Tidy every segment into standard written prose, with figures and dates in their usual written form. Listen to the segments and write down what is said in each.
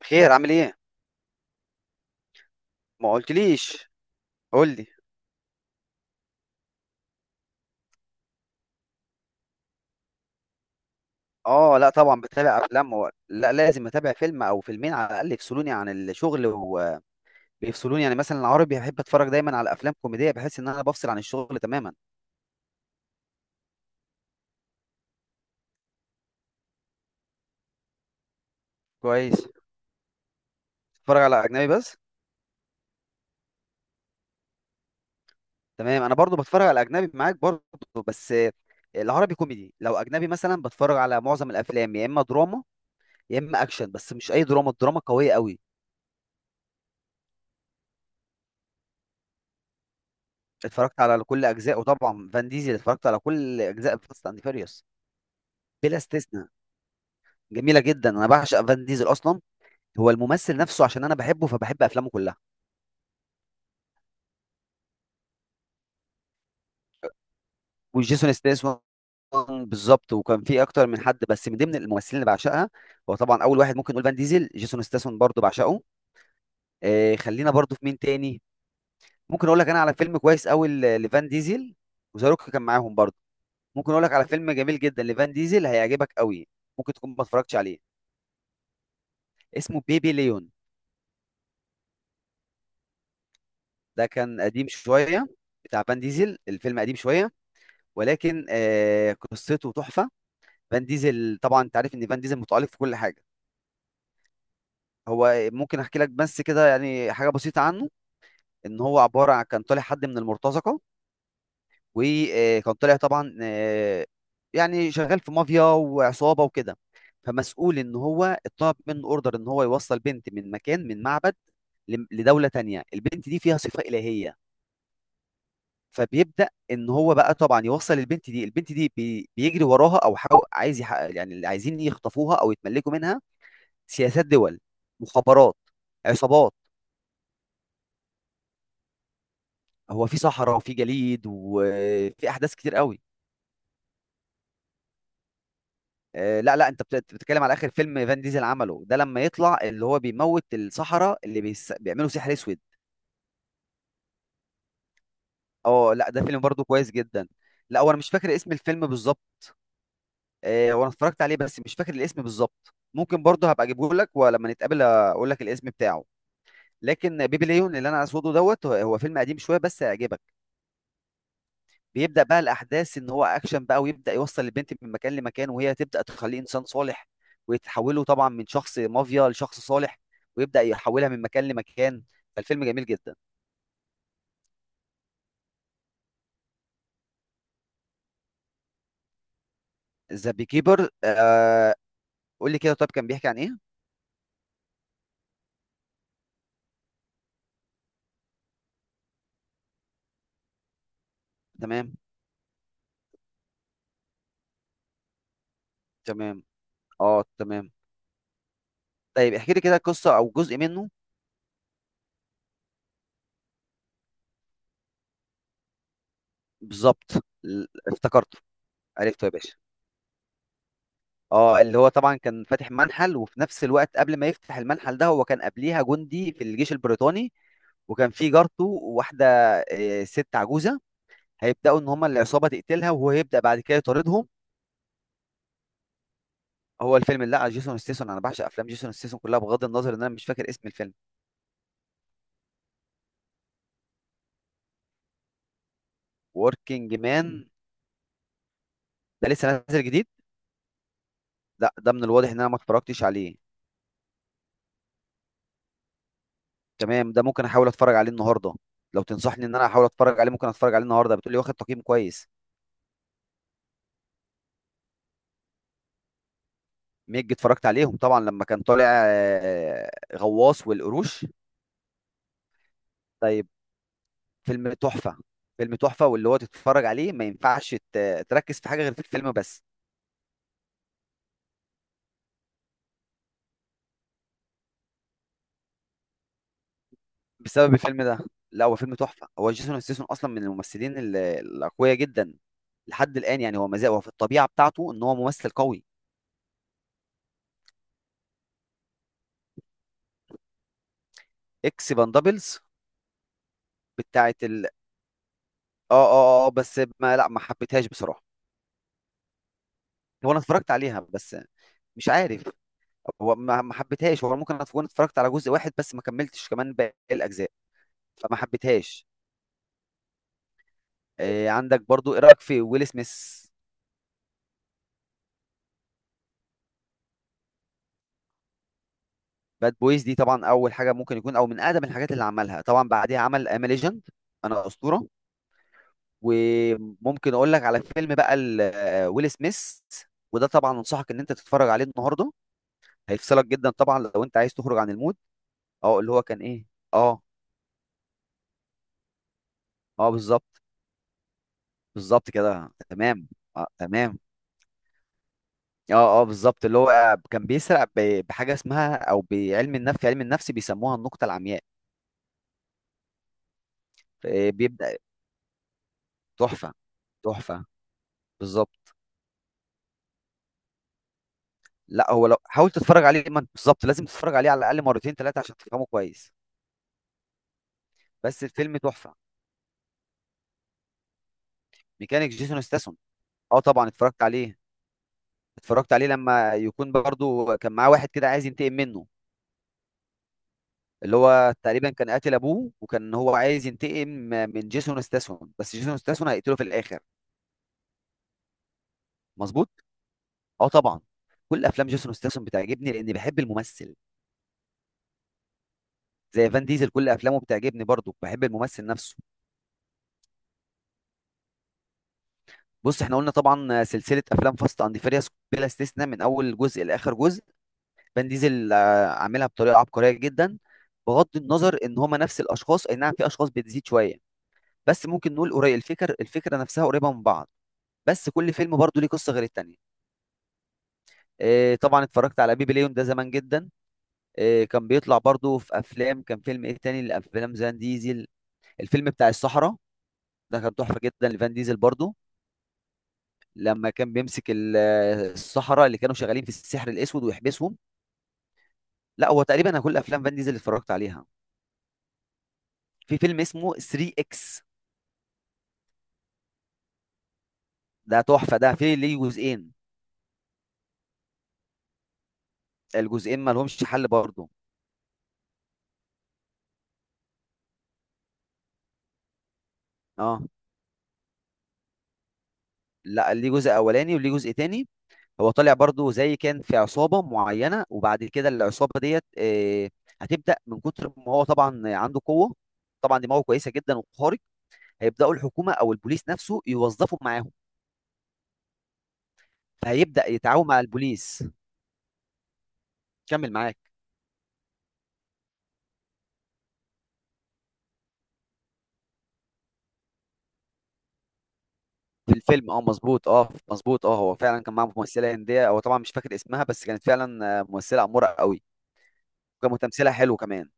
بخير، عامل ايه؟ ما قلتليش. قول لي. اه، لا طبعا بتابع افلام و... لا لازم اتابع فيلم او فيلمين على الاقل يفصلوني عن الشغل وبيفصلوني، يعني مثلا العربي بحب اتفرج دايما على افلام كوميديه، بحس ان انا بفصل عن الشغل تماما. كويس. بتتفرج على اجنبي بس؟ تمام، انا برضو بتفرج على اجنبي معاك برضو. بس العربي كوميدي، لو اجنبي مثلا بتفرج على معظم الافلام يا اما دراما يا اما اكشن، بس مش اي دراما، الدراما قويه قوي. اتفرجت على كل اجزاء، وطبعا فان ديزل اتفرجت على كل اجزاء فاست اند فيريوس بلا استثناء. جميله جدا، انا بعشق فان ديزل اصلا. هو الممثل نفسه، عشان انا بحبه فبحب افلامه كلها. وجيسون ستاثام. بالظبط، وكان في اكتر من حد، بس من ضمن الممثلين اللي بعشقها هو طبعا اول واحد ممكن نقول فان ديزل. جيسون ستاثام برضو بعشقه. خلينا برضو في مين تاني. ممكن اقول لك انا على فيلم كويس قوي لفان ديزل. وزاروك كان معاهم برضو. ممكن اقول لك على فيلم جميل جدا لفان ديزل هيعجبك قوي. ممكن تكون ما اتفرجتش عليه. اسمه بيبي ليون. ده كان قديم شويه، بتاع فان ديزل، الفيلم قديم شويه، ولكن قصته تحفه. فان ديزل، طبعا انت عارف ان فان ديزل متألق في كل حاجه. هو ممكن احكي لك بس كده يعني حاجه بسيطه عنه. ان هو عباره عن كان طالع حد من المرتزقه، وكان طالع طبعا، يعني شغال في مافيا وعصابه وكده، فمسؤول ان هو اتطلب منه اوردر ان هو يوصل بنت من مكان من معبد لدوله تانية. البنت دي فيها صفه الهيه. فبيبدا ان هو بقى طبعا يوصل البنت دي، بيجري وراها، او عايز يحقق، يعني اللي عايزين يخطفوها او يتملكوا منها. سياسات دول، مخابرات، عصابات. هو في صحراء وفي جليد وفي احداث كتير قوي. لا لا، انت بتتكلم على اخر فيلم فان ديزل عمله، ده لما يطلع اللي هو بيموت الصحراء اللي بيعملوا سحر اسود. اه، لا ده فيلم برضو كويس جدا. لا، وانا مش فاكر اسم الفيلم بالظبط. وانا اتفرجت عليه بس مش فاكر الاسم بالظبط، ممكن برضو هبقى اجيبه لك ولما نتقابل اقول لك الاسم بتاعه. لكن بيبي ليون، اللي انا اسوده دوت، هو فيلم قديم شويه بس هيعجبك. بيبدأ بقى الأحداث إن هو أكشن بقى، ويبدأ يوصل البنت من مكان لمكان، وهي تبدأ تخليه إنسان صالح، ويتحوله طبعا من شخص مافيا لشخص صالح، ويبدأ يحولها من مكان لمكان. فالفيلم جميل جدا. ذا بي كيبر، آه. قول لي كده، طب كان بيحكي عن إيه؟ تمام، تمام، أه تمام. طيب احكي لي كده قصة أو جزء منه. بالظبط. افتكرته، عرفته يا باشا. اه، اللي هو طبعا كان فاتح منحل، وفي نفس الوقت قبل ما يفتح المنحل ده هو كان قبليها جندي في الجيش البريطاني، وكان في جارته، وواحدة، ست عجوزة، هيبدأوا إن هما العصابة تقتلها، وهو هيبدأ بعد كده يطاردهم. هو الفيلم اللي على جيسون ستيسون، أنا بعشق أفلام جيسون ستيسون كلها، بغض النظر إن أنا مش فاكر اسم الفيلم. وركينج مان. ده لسه نازل جديد. لا، ده من الواضح إن أنا ما اتفرجتش عليه. تمام، ده ممكن أحاول أتفرج عليه النهاردة. لو تنصحني إن أنا أحاول أتفرج عليه ممكن أتفرج عليه النهاردة، بتقولي واخد تقييم كويس. ميج اتفرجت عليهم طبعا، لما كان طالع، غواص والقروش. طيب. فيلم تحفة، فيلم تحفة، واللي هو تتفرج عليه ما ينفعش تركز في حاجة غير في الفيلم بس. بسبب الفيلم ده. لا، هو فيلم تحفة، هو جيسون ستاثام أصلا من الممثلين الأقوياء جدا لحد الآن، يعني هو مازال هو في الطبيعة بتاعته إن هو ممثل قوي. إكس باندابلز. بتاعت ال آه آه آه آه، بس ما لا ما حبيتهاش بصراحة. هو أنا اتفرجت عليها بس مش عارف، هو ما حبيتهاش، هو ممكن اكون اتفرجت على جزء واحد بس ما كملتش كمان باقي الاجزاء، فما حبيتهاش. إيه عندك برضو، ايه رايك في ويل سميث؟ باد بويز دي طبعا اول حاجه ممكن يكون او من اقدم الحاجات اللي عملها، طبعا بعديها عمل ام ليجند، انا اسطوره. وممكن اقول لك على فيلم بقى ويل سميث، وده طبعا انصحك ان انت تتفرج عليه النهارده، هيفصلك جدا طبعا لو انت عايز تخرج عن المود. اه، اللي هو كان ايه. اه، اه، بالظبط، بالظبط كده، تمام. آه تمام. اه، اه، بالظبط، اللي هو كان بيسرق بحاجه اسمها او بعلم النفس، في علم النفس بيسموها النقطه العمياء. إيه، بيبدا. تحفه، تحفه، بالظبط. لا، هو لو حاول تتفرج عليه ما انت- بالظبط لازم تتفرج عليه على الاقل مرتين ثلاثه عشان تفهمه كويس. بس الفيلم تحفه. ميكانيك جيسون ستاثام. اه طبعا اتفرجت عليه. اتفرجت عليه لما يكون برضو كان معاه واحد كده عايز ينتقم منه. اللي هو تقريبا كان قاتل ابوه، وكان هو عايز ينتقم من جيسون ستاثام، بس جيسون ستاثام هيقتله في الاخر. مظبوط. اه طبعا. كل افلام جيسون ستاثام بتعجبني لاني بحب الممثل. زي فان ديزل، كل افلامه بتعجبني برضو، بحب الممثل نفسه. بص، احنا قلنا طبعا سلسله افلام فاست اند فيريوس بلا استثناء من اول جزء لاخر جزء، فان ديزل، عاملها بطريقه عبقريه جدا. بغض النظر ان هما نفس الاشخاص، اي نعم في اشخاص بتزيد شويه، بس ممكن نقول قريب الفكر، الفكره نفسها قريبه من بعض. بس كل فيلم برضو ليه قصه غير التانيه. إيه، طبعا اتفرجت على بيبي ليون ده زمان جدا. إيه، كان بيطلع برضو في افلام، كان فيلم ايه تاني لافلام زان ديزل؟ الفيلم بتاع الصحراء، ده كان تحفه جدا لفان ديزل برضو، لما كان بيمسك الصحراء اللي كانوا شغالين في السحر الاسود ويحبسهم. لا، هو تقريبا انا كل افلام فان ديزل اللي اتفرجت عليها. في فيلم اسمه 3 اكس، ده تحفه، ده في ليه جزئين، الجزئين ما لهمش حل برضو. اه، لا ليه جزء اولاني وليه جزء تاني. هو طالع برضو زي كان في عصابه معينه، وبعد كده العصابه ديت، هتبدا من كتر ما هو طبعا عنده قوه، طبعا دماغه كويسه جدا وخارق، هيبداوا الحكومه او البوليس نفسه يوظفوا معاهم. هيبدأ يتعاون مع البوليس. كمل معاك. في الفيلم، اه مظبوط، اه مظبوط، اه هو فعلا كان معاه ممثلة هندية، هو طبعا مش فاكر اسمها، بس كانت فعلا، ممثلة أمورة قوي، وكان تمثيلها حلو كمان.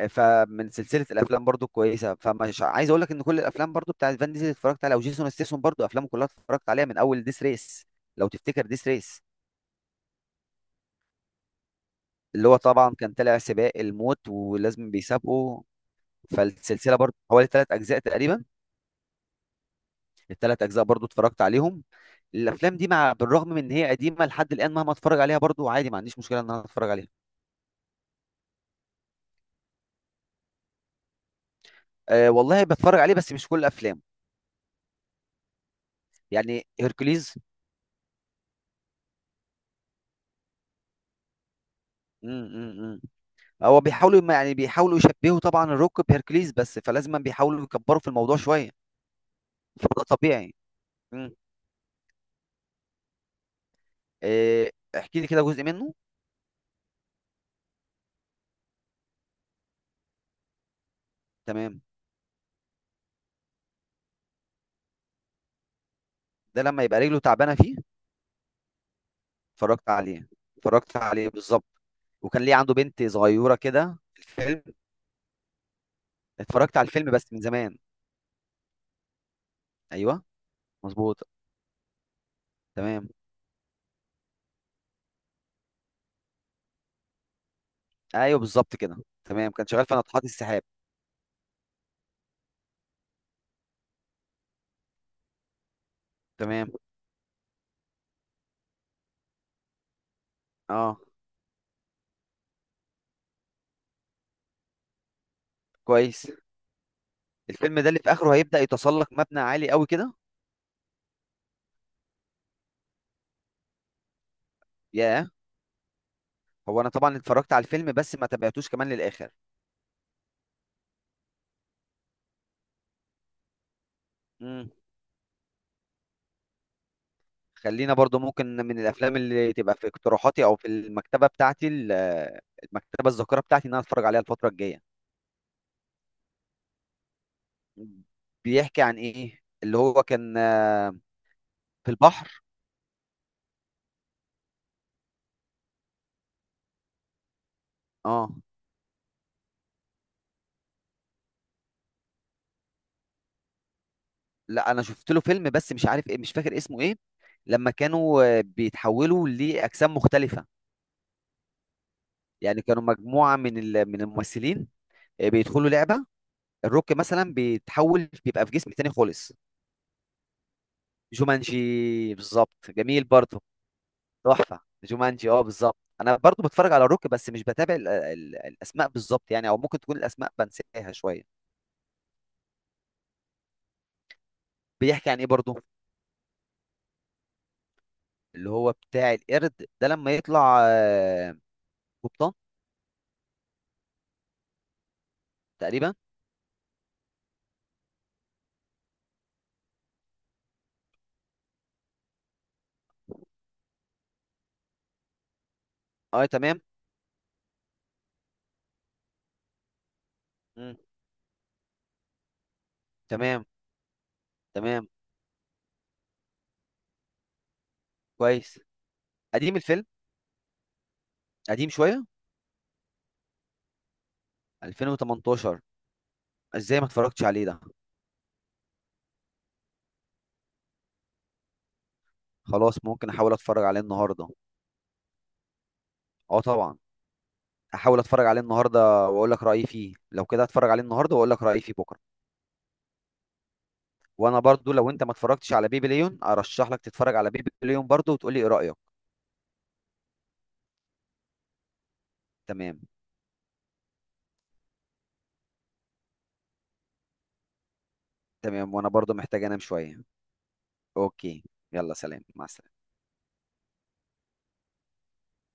فمن سلسلة الأفلام برضو كويسة، فمش عايز أقول لك إن كل الأفلام برضو بتاعت فان ديزل اتفرجت عليها، وجيسون ستيسون برضو أفلامه كلها اتفرجت عليها من أول ديس ريس. لو تفتكر ديس ريس، اللي هو طبعا كان طالع سباق الموت ولازم بيسابقه. فالسلسلة برضو حوالي ثلاث أجزاء تقريبا، الثلاث اجزاء برضو اتفرجت عليهم. الافلام دي، مع بالرغم من ان هي قديمه، لحد الان مهما اتفرج عليها برضو عادي، ما عنديش مشكله ان انا اتفرج عليها. أه والله بتفرج عليه، بس مش كل الافلام. يعني هيركليز. مم، مم، مم. هو بيحاولوا يعني بيحاولوا يشبهوا طبعا الروك بهيركليز، بس فلازم بيحاولوا يكبروا في الموضوع شويه، فده طبيعي. مم. أه. احكي لي كده جزء منه. تمام. ده لما يبقى رجله تعبانه فيه. اتفرجت عليه، اتفرجت عليه بالظبط. وكان ليه عنده بنت صغيره كده في الفيلم. اتفرجت على الفيلم بس من زمان. ايوه، مظبوط. تمام. ايوه، بالظبط كده، تمام. كان شغال في ناطحات السحاب. تمام. اه، كويس. الفيلم ده اللي في اخره هيبدأ يتسلق مبنى عالي قوي كده. ياه. هو انا طبعا اتفرجت على الفيلم بس ما تابعتوش كمان للاخر. امم. خلينا برضو، ممكن من الافلام اللي تبقى في اقتراحاتي او في المكتبه بتاعتي، المكتبه الذاكره بتاعتي، ان انا اتفرج عليها الفتره الجايه. بيحكي عن ايه؟ اللي هو كان، في البحر. اه، لا انا شفت له فيلم بس مش عارف ايه، مش فاكر اسمه ايه، لما كانوا، بيتحولوا لاجسام مختلفه، يعني كانوا مجموعه من من الممثلين، بيدخلوا لعبه، الروك مثلا بيتحول بيبقى في جسم تاني خالص. جومانجي بالظبط، جميل برضه. تحفه جومانجي، اه بالظبط، انا برضه بتفرج على الروك بس مش بتابع الاسماء بالظبط، يعني او ممكن تكون الاسماء بنساها شويه. بيحكي عن ايه برضه؟ اللي هو بتاع القرد ده لما يطلع، قبطان. تقريبا. اه تمام. مم. تمام، تمام، كويس. قديم الفيلم. قديم شوية. 2018. ازاي ما اتفرجتش عليه ده. خلاص، ممكن احاول اتفرج عليه النهاردة. اه طبعا. احاول اتفرج عليه النهارده واقول لك رايي فيه، لو كده اتفرج عليه النهارده واقول لك رايي فيه بكره. وانا برضو، لو انت ما اتفرجتش على بيبي ليون ارشح لك تتفرج على بيبي ليون برضو وتقول لي ايه رايك. تمام. تمام، وانا برضو محتاج انام شوية. اوكي. يلا، سلام، مع السلامة.